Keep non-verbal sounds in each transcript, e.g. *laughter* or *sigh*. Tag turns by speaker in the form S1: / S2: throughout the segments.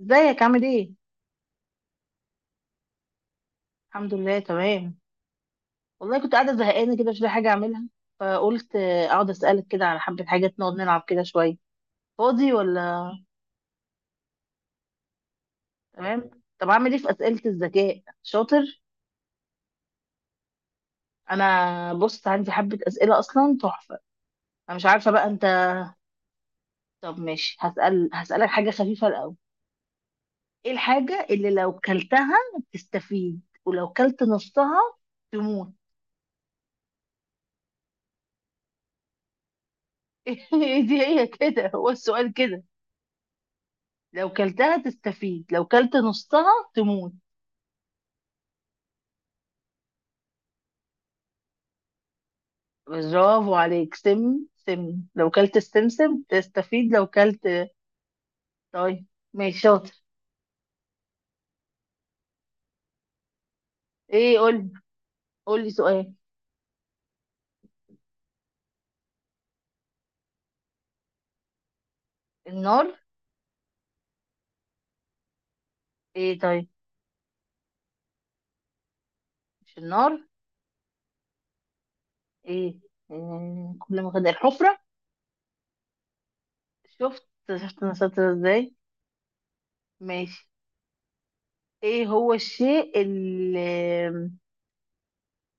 S1: ازيك؟ عامل ايه؟ الحمد لله تمام. والله كنت قاعدة زهقانة كده، مش لاقي حاجة أعملها، فقلت أقعد أسألك كده على حبة حاجات، نقعد نلعب كده شوية. فاضي ولا تمام؟ طب أعمل ايه في أسئلة الذكاء؟ شاطر؟ أنا بص عندي حبة أسئلة أصلا تحفة. أنا مش عارفة بقى أنت. طب ماشي، هسألك حاجة خفيفة الأول. ايه الحاجة اللي لو كلتها تستفيد، ولو كلت نصها تموت؟ *laughs* ايه دي، هي كده، هو السؤال كده. لو كلتها تستفيد، لو كلت نصها تموت. برافو عليك، سم سم. لو كلت السمسم تستفيد، لو كلت. طيب، ماشي شاطر. ايه قول، قول لي سؤال. النار. ايه طيب، مش النار. ايه. كل ما خد الحفرة. شفت، شفت انا شاطرة ازاي. ماشي. ايه هو الشيء اللي،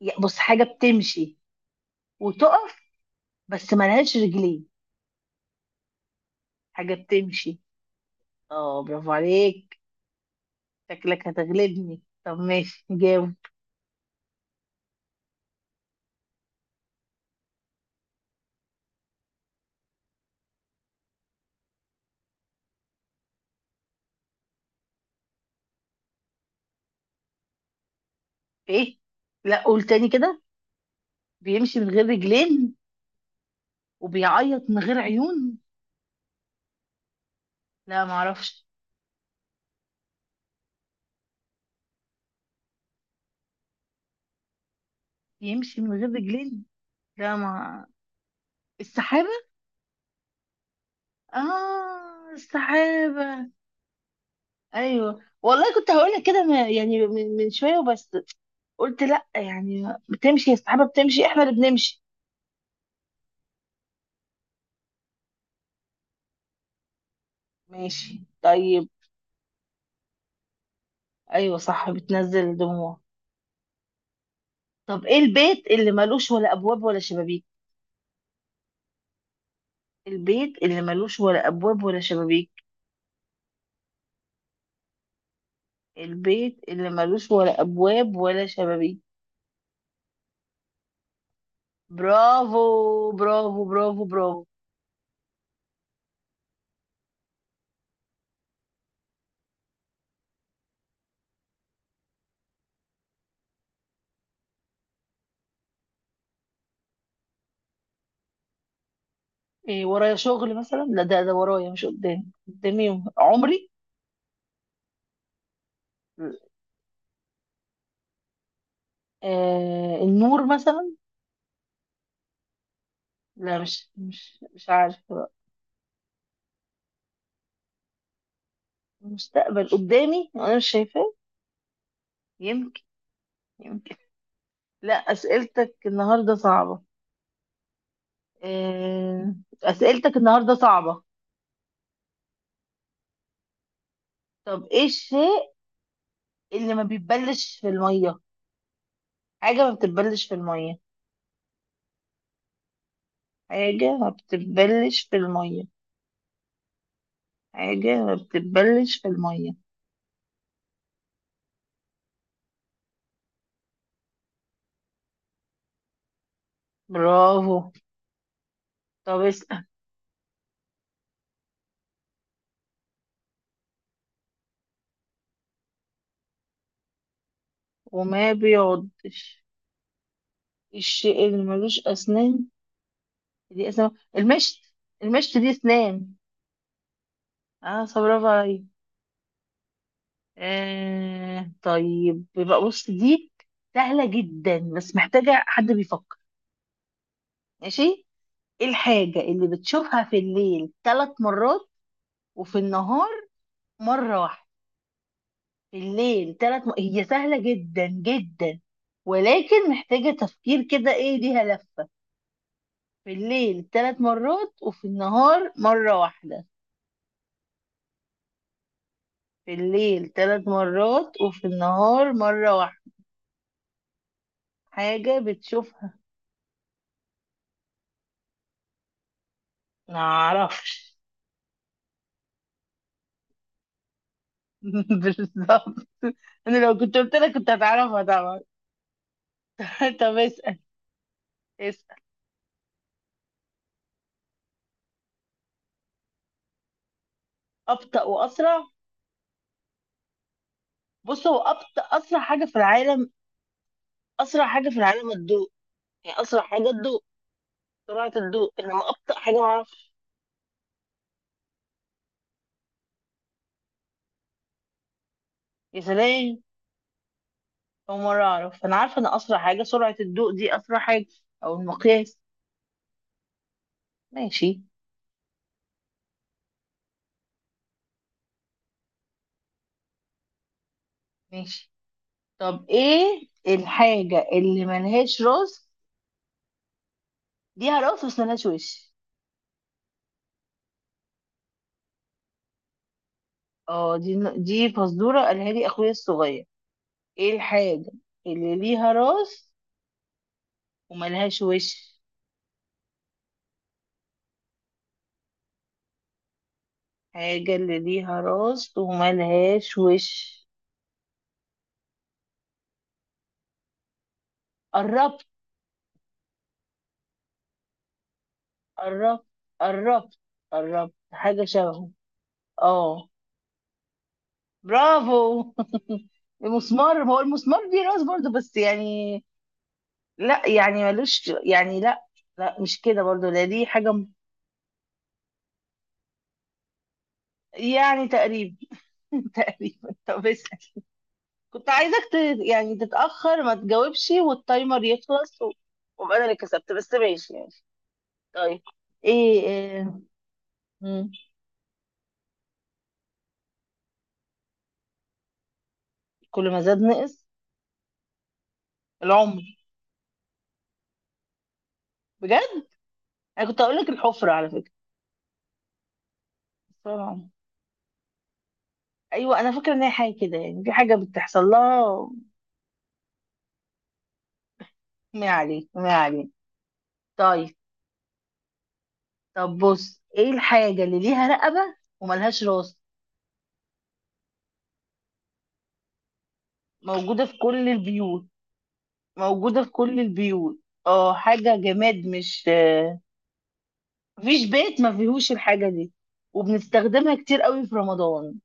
S1: بص حاجة بتمشي وتقف، بس ملهاش رجلين. حاجة بتمشي. اه برافو عليك، شكلك هتغلبني، طب ماشي جاوب. ايه، لا قول تاني كده. بيمشي من غير رجلين، وبيعيط من غير عيون. لا ما اعرفش. يمشي من غير رجلين، لا ما، السحابة. اه السحابة. ايوه والله كنت هقول لك كده يعني من شوية وبس. قلت لا، يعني بتمشي، السحابة بتمشي، احنا اللي بنمشي. ماشي طيب. ايوه صح، بتنزل دموع. طب ايه البيت اللي ملوش ولا ابواب ولا شبابيك؟ البيت اللي ملوش ولا ابواب ولا شبابيك. البيت اللي ملوش ولا ابواب ولا شبابيك. برافو برافو برافو. إيه ورايا شغل مثلا؟ لا، ده ورايا مش قدامي، قدامي عمري. النور مثلا. لا مش عارفة بقى. المستقبل قدامي وانا مش شايفاه؟ يمكن، يمكن. لا اسئلتك النهارده صعبة. آه، اسئلتك النهارده صعبة. طب ايه الشيء اللي ما بيتبلش في المية؟ حاجة ما بتتبلش في المية. حاجة ما بتتبلش في المية. حاجة ما بتتبلش في المية. برافو. طب اسأل. وما بيعضش؟ الشيء اللي ملوش أسنان؟ دي أسنان؟ المشط، المشط دي أسنان. اه صح، برافو عليا. طيب يبقى بص دي سهلة جدا، بس محتاجة حد بيفكر. ماشي. ايه الحاجة اللي بتشوفها في الليل ثلاث مرات، وفي النهار مرة واحدة؟ في الليل ثلاث م... هي سهلة جدا جدا، ولكن محتاجة تفكير كده، ايه ليها لفة. في الليل ثلاث مرات وفي النهار مرة واحدة. في الليل ثلاث مرات وفي النهار مرة واحدة. حاجة بتشوفها. معرفش. *laughs* بالظبط. انا لو كنت قلت لك كنت هتعرفها طبعا. *laughs* طب اسأل، اسأل. أبطأ وأسرع. بص هو أبطأ أسرع حاجة في العالم. أسرع حاجة في العالم الضوء، يعني أسرع حاجة الضوء، سرعة الضوء. إنما أبطأ حاجة معرفش. يا سلام، أول مرة أعرف. أنا عارفة إن أسرع حاجة سرعة الضوء، دي أسرع حاجة أو المقياس. ماشي، ماشي. طب ايه الحاجة اللي ملهاش راس، ليها راس بس ملهاش وش؟ اه دي فزورة قالها لي اخويا الصغير. ايه الحاجة اللي ليها راس وملهاش وش؟ حاجة اللي ليها راس وملهاش وش. قربت، قربت، قربت. قربت، حاجة شبهه. اه برافو. *laughs* المسمار، ما هو المسمار دي راس برضه، بس يعني لا يعني ملوش، يعني لا. لا مش كده برضو، لا دي حاجة. يعني تقريبا. *laughs* تقريبا، طب اسأل. كنت عايزك ت... يعني تتأخر ما تجاوبش والتايمر يخلص و... وابقى انا اللي كسبت، بس ماشي يعني. طيب. ايه, إيه... مم. كل ما زاد نقص. العمر. بجد؟ انا كنت هقول لك الحفرة على فكرة. بس هو العمر. ايوه انا فاكرة ان هي حاجة كده، يعني في حاجة بتحصل لها. ما عليه، ما عليه. طيب. طب بص ايه الحاجة اللي ليها رقبة وملهاش راس، موجودة في كل البيوت؟ موجودة في كل البيوت. اه حاجة جماد، مش آه، مفيش بيت ما فيهوش الحاجة دي. وبنستخدمها كتير قوي في رمضان،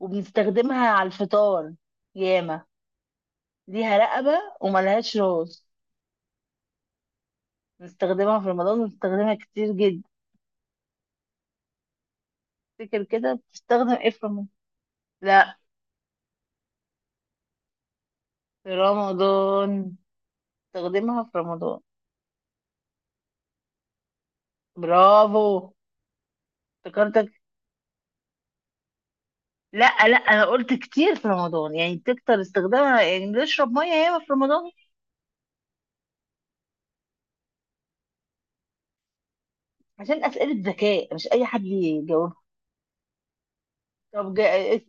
S1: وبنستخدمها على الفطار ياما. ليها رقبة وملهاش راس، بنستخدمها في رمضان، وبنستخدمها كتير جدا. تفتكر كده بتستخدم ايه في رمضان؟ لا، في رمضان، بنستخدمها في رمضان. برافو. افتكرتك. لا لا انا قلت كتير في رمضان، يعني بتكتر استخدامها، يعني نشرب ميه ياما في رمضان. عشان اسئله ذكاء مش اي حد يجاوبها. طب جا...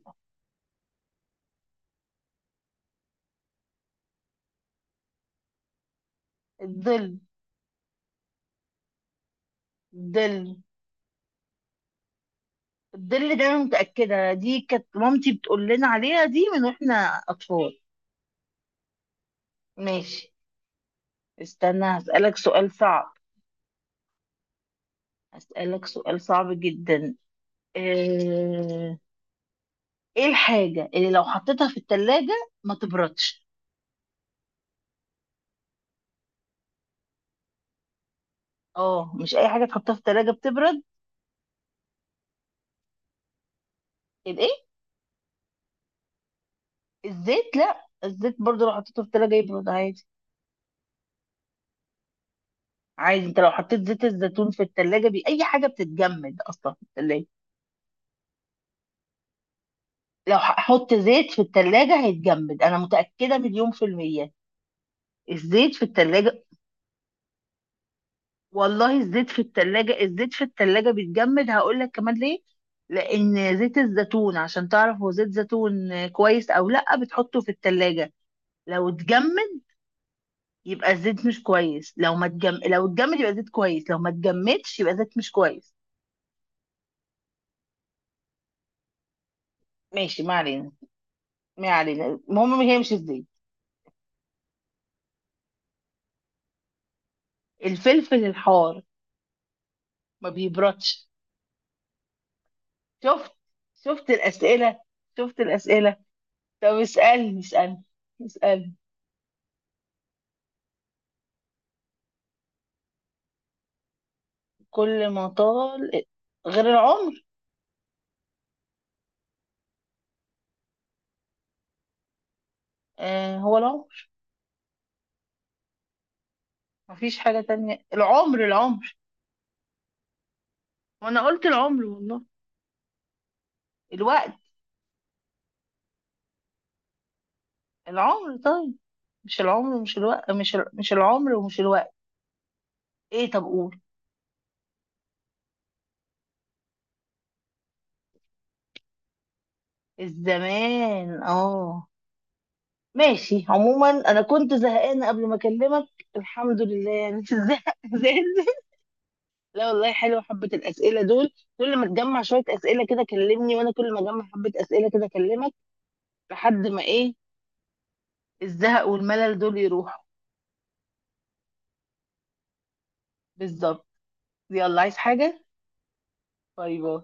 S1: الظل، الظل. الظل ده انا متاكده دي كانت مامتي بتقول لنا عليها دي من واحنا اطفال. ماشي. استنى هسالك سؤال صعب، هسالك سؤال صعب جدا. ايه إيه الحاجه اللي لو حطيتها في التلاجة ما تبردش؟ اه مش اي حاجه تحطها في التلاجة بتبرد. الزيت؟ لا، الزيت برضو لو حطيته في التلاجة يبرد عادي. عادي، انت لو حطيت زيت الزيتون في التلاجة بي... اي حاجة بتتجمد اصلا في التلاجة. لو هحط زيت في التلاجة هيتجمد، انا متأكدة مليون في المية، الزيت في التلاجة. والله الزيت في التلاجة، الزيت في التلاجة بيتجمد، هقول لك كمان ليه. لان زيت الزيتون عشان تعرف هو زيت زيتون كويس او لا، بتحطه في التلاجة، لو اتجمد يبقى الزيت مش كويس، لو ما اتجم... لو اتجمد يبقى زيت كويس، لو ما اتجمدش يبقى زيت مش كويس. ماشي، ما علينا، ما علينا. المهم هيمشي ازاي. الفلفل الحار ما بيبردش. شفت، شفت الأسئلة، شفت الأسئلة. طب اسألني، اسألني، اسألني. كل ما طال غير العمر. آه هو العمر، مفيش حاجة تانية، العمر، العمر. وانا قلت العمر والله. الوقت. العمر طيب. مش العمر، مش الوقت، مش العمر ومش الوقت. ايه طب قول. الزمان اه. ماشي، عموما انا كنت زهقانه قبل ما اكلمك، الحمد لله، يعني مش الزهق *laughs* زاد. لا والله حلوه حبه الاسئله دول. كل ما تجمع شويه اسئله كده كلمني، وانا كل ما اجمع حبه اسئله كده اكلمك، لحد ما ايه، الزهق والملل دول يروحوا. بالظبط. يلا، عايز حاجه؟ باي باي.